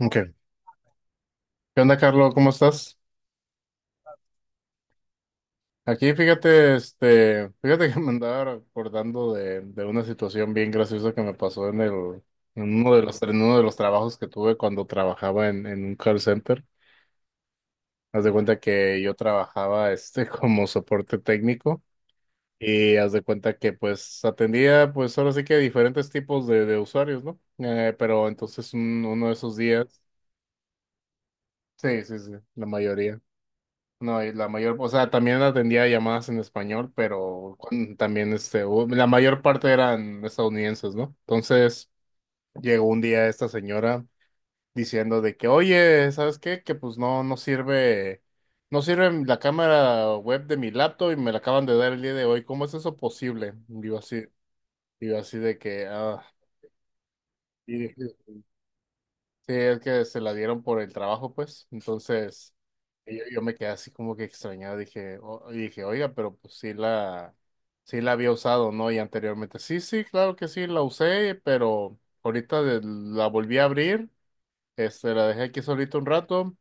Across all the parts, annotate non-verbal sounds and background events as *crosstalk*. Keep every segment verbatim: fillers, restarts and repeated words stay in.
Ok. ¿Qué onda, Carlos? ¿Cómo estás? Aquí, fíjate, este, fíjate *laughs* que me andaba acordando de, de una situación bien graciosa que me pasó en el, en uno de los, en uno de los trabajos que tuve cuando trabajaba en, en un call center. Haz de cuenta que yo trabajaba, este, *laughs* como soporte técnico y haz de cuenta que, pues, atendía, pues, ahora sí que diferentes tipos de, de usuarios, ¿no? Eh, pero entonces un- uno de esos días, sí, sí, sí, la mayoría. No, y la mayor, o sea, también atendía llamadas en español, pero cuan- también este, hubo- la mayor parte eran estadounidenses, ¿no? Entonces llegó un día esta señora diciendo de que, oye, ¿sabes qué? Que pues no, no sirve, no sirve la cámara web de mi laptop y me la acaban de dar el día de hoy. ¿Cómo es eso posible? Digo así, digo así de que, ah, sí, es que se la dieron por el trabajo, pues. Entonces, yo, yo me quedé así como que extrañado. Dije, o- y dije, oiga, pero pues sí la, sí la había usado, ¿no? Y anteriormente, sí, sí, claro que sí, la usé, pero ahorita de- la volví a abrir, este, la dejé aquí solita un rato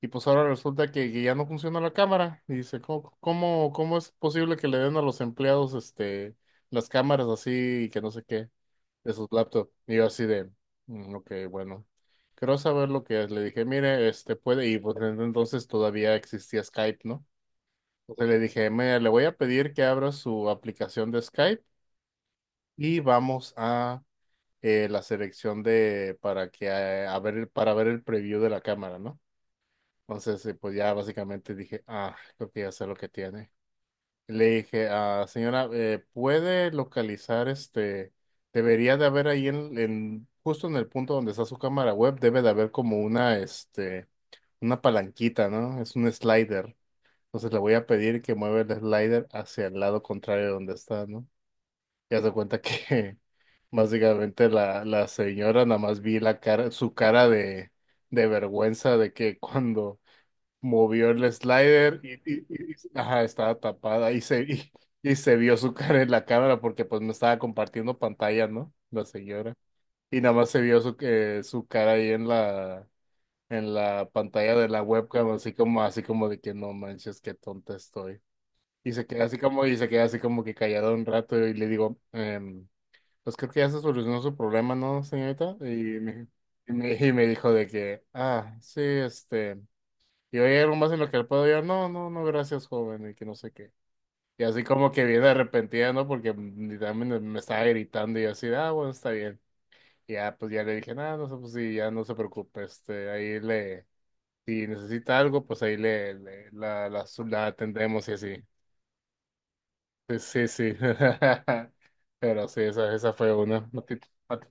y pues ahora resulta que, que ya no funciona la cámara. Y dice, ¿cómo, cómo, ¿cómo es posible que le den a los empleados este las cámaras así y que no sé qué de sus laptops? Y yo así de, "Mm, ok, bueno, quiero saber lo que es." Le dije, mire, este puede, y pues en- entonces todavía existía Skype, ¿no? Entonces le dije, mire, le voy a pedir que abra su aplicación de Skype y vamos a eh, la selección de para que eh, a ver, para ver el preview de la cámara, ¿no? Entonces, sí, pues ya básicamente dije, ah, creo que ya sé lo que tiene. Le dije, ah, señora, eh, ¿puede localizar este? Debería de haber ahí en, en- justo en el punto donde está su cámara web, debe de haber como una, este, una palanquita, ¿no? Es un slider. Entonces le voy a pedir que mueva el slider hacia el lado contrario de donde está, ¿no? Ya se cuenta que *laughs* básicamente la, la señora nada más vi la cara, su cara de, de vergüenza de que cuando movió el slider y, y- y- y- ajá, estaba tapada y se, y, y se vio su cara en la cámara porque pues me estaba compartiendo pantalla, ¿no? La señora. Y nada más se vio su, que su cara ahí en la, en la pantalla de la webcam, así como, así como de que no manches, qué tonta estoy. Y se queda así como, y se queda así como que callado un rato y le digo, em, pues creo que ya se solucionó su problema, ¿no, señorita? Y me, y me, y me dijo de que, ah, sí, este... Y oye, algo más en lo que le puedo yo, no, no, no, gracias, joven, y que no sé qué. Y así como que viene arrepentida, ¿no? Porque mm, también me me estaba gritando y yo así, ah, bueno, está bien. Y ya, pues ya le dije, nada, no sé, pues sí, ya no se preocupe, este, ahí le, si necesita algo, pues ahí le, le- la, la, su- la atendemos y así. Sí, sí, sí. *laughs* Pero sí, esa, esa fue una. No te- no te-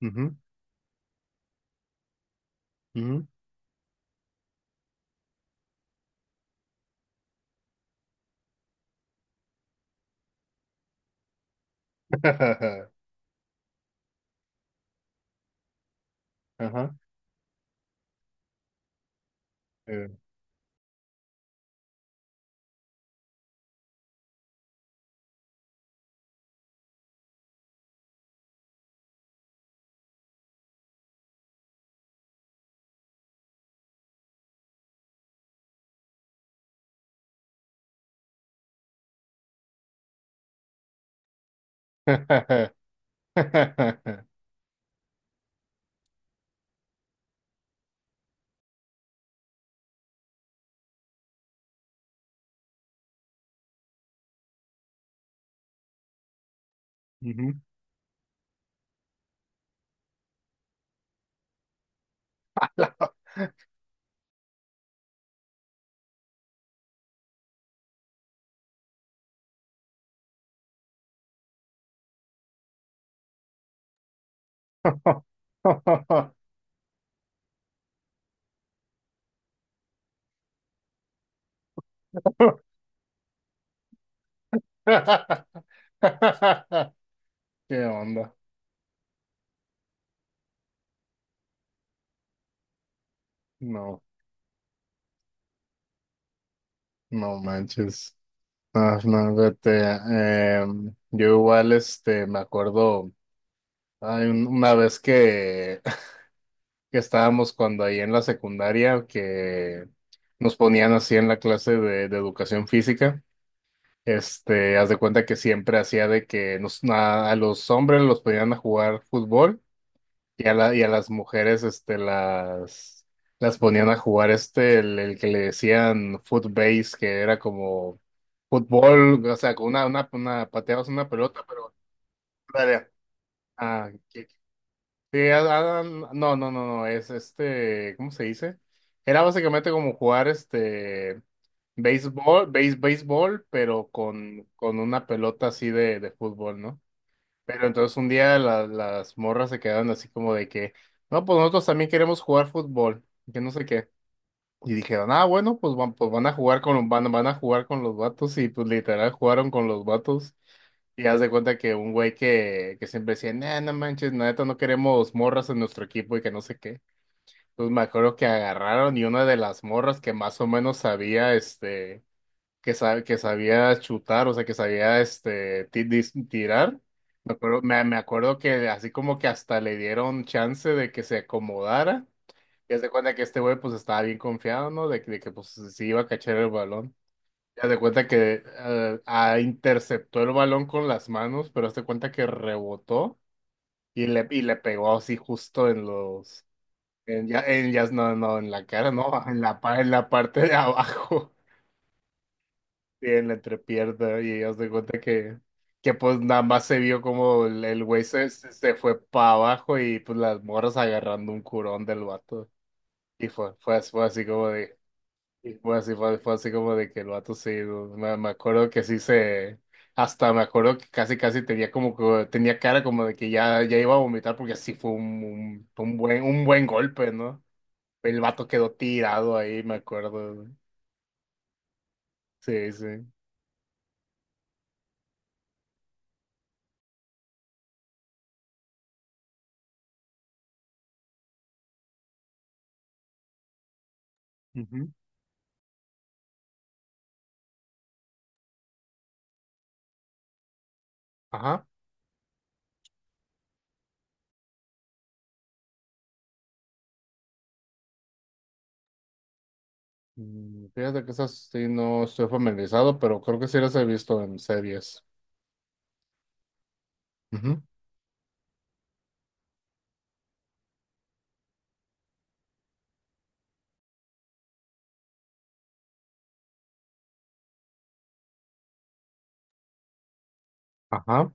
Ujú, ujú, ujú, ujú. *laughs* Ajá. eh. *laughs* Ujú. *laughs* *laughs* ¿Qué onda? No, no manches. Ah, no, vete. Em, yo igual, este, me acuerdo, hay un- una vez que, *laughs* que estábamos cuando ahí en la secundaria, que nos ponían así en la clase de, de educación física. Este, haz de cuenta que siempre hacía de que nos, a a los hombres los ponían a jugar fútbol. Y a, la, y a las mujeres este, las, las ponían a jugar este, el, el que le decían footbase, que era como fútbol, o sea, con una, una, una pateabas una pelota, pero área. Ah, que- que- ah, ah, no, no, no, no, es este, ¿cómo se dice? Era básicamente como jugar este béisbol, béis, béisbol, pero con, con una pelota así de, de fútbol, ¿no? Pero entonces un día la- las morras se quedaron así como de que, no, pues nosotros también queremos jugar fútbol, que no sé qué. Y dijeron, ah, bueno, pues van, pues van a jugar con los, van, van a jugar con los vatos, y pues literal jugaron con los vatos. Y haz de cuenta que un güey que, que siempre decía, nah, no manches, la neta no queremos morras en nuestro equipo y que no sé qué. Entonces me acuerdo que agarraron y una de las morras que más o menos sabía, este que, sa- que sabía chutar, o sea, que sabía este, ti- dis- tirar. Me acuerdo, me, me acuerdo que así como que hasta le dieron chance de que se acomodara. Y haz de cuenta que este güey pues estaba bien confiado, ¿no? De, que- de que pues sí iba a cachar el balón. Y haz de cuenta que eh, ah, interceptó el balón con las manos, pero haz de cuenta que rebotó y le, y le pegó así justo en los... En, ya, en, ya, no, no, en la cara, no, *laughs* en la, pa- en la parte de abajo. Sí, en la entrepierna y haz de cuenta que, que pues nada más se vio como el, el güey se, se se fue para abajo y pues las morras agarrando un curón del vato. Y fue, fue, as- fue así como de, y fue así, fue, fue así como de que el vato sí, no, me, me acuerdo que sí se, hasta me acuerdo que casi casi tenía como que, tenía cara como de que ya, ya iba a vomitar porque sí fue un, un, un buen, un buen golpe, ¿no? El vato quedó tirado ahí, me acuerdo. Sí, sí. Ujú. Ajá. Mm, Fíjate que esas sí no estoy familiarizado, pero creo que sí las he visto en series. Ujú. Ajá,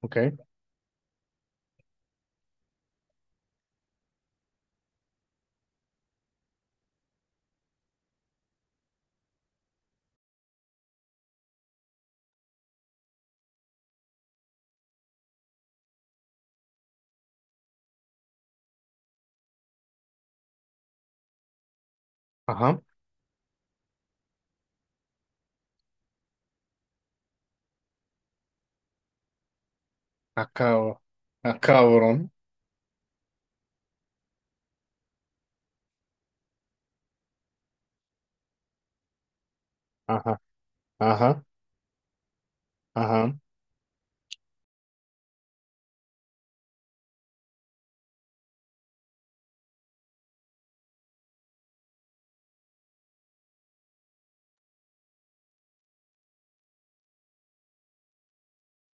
ok, ajá, acá, ah, cabrón, ajá, ajá, ajá,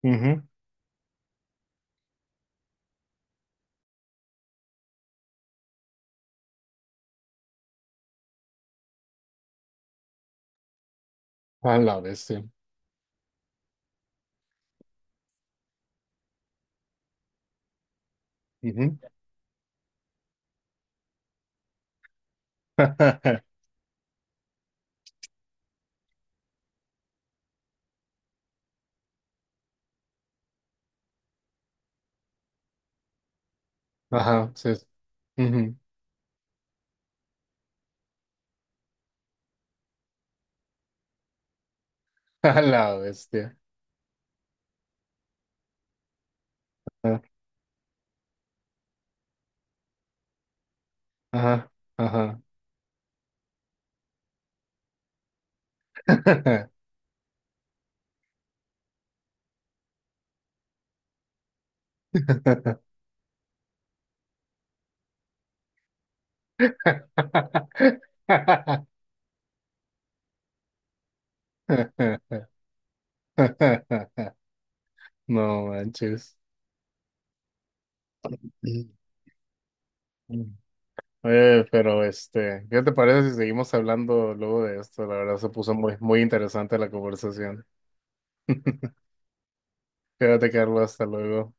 ujú. A la bestia, ujú. *laughs* Ajá, sí, ujú. *laughs* A la bestia, ah, ajá, ajá. *laughs* No manches. Oye, pero este, ¿qué te parece si seguimos hablando luego de esto? La verdad se puso muy, muy interesante la conversación. Quédate, Carlos, hasta luego.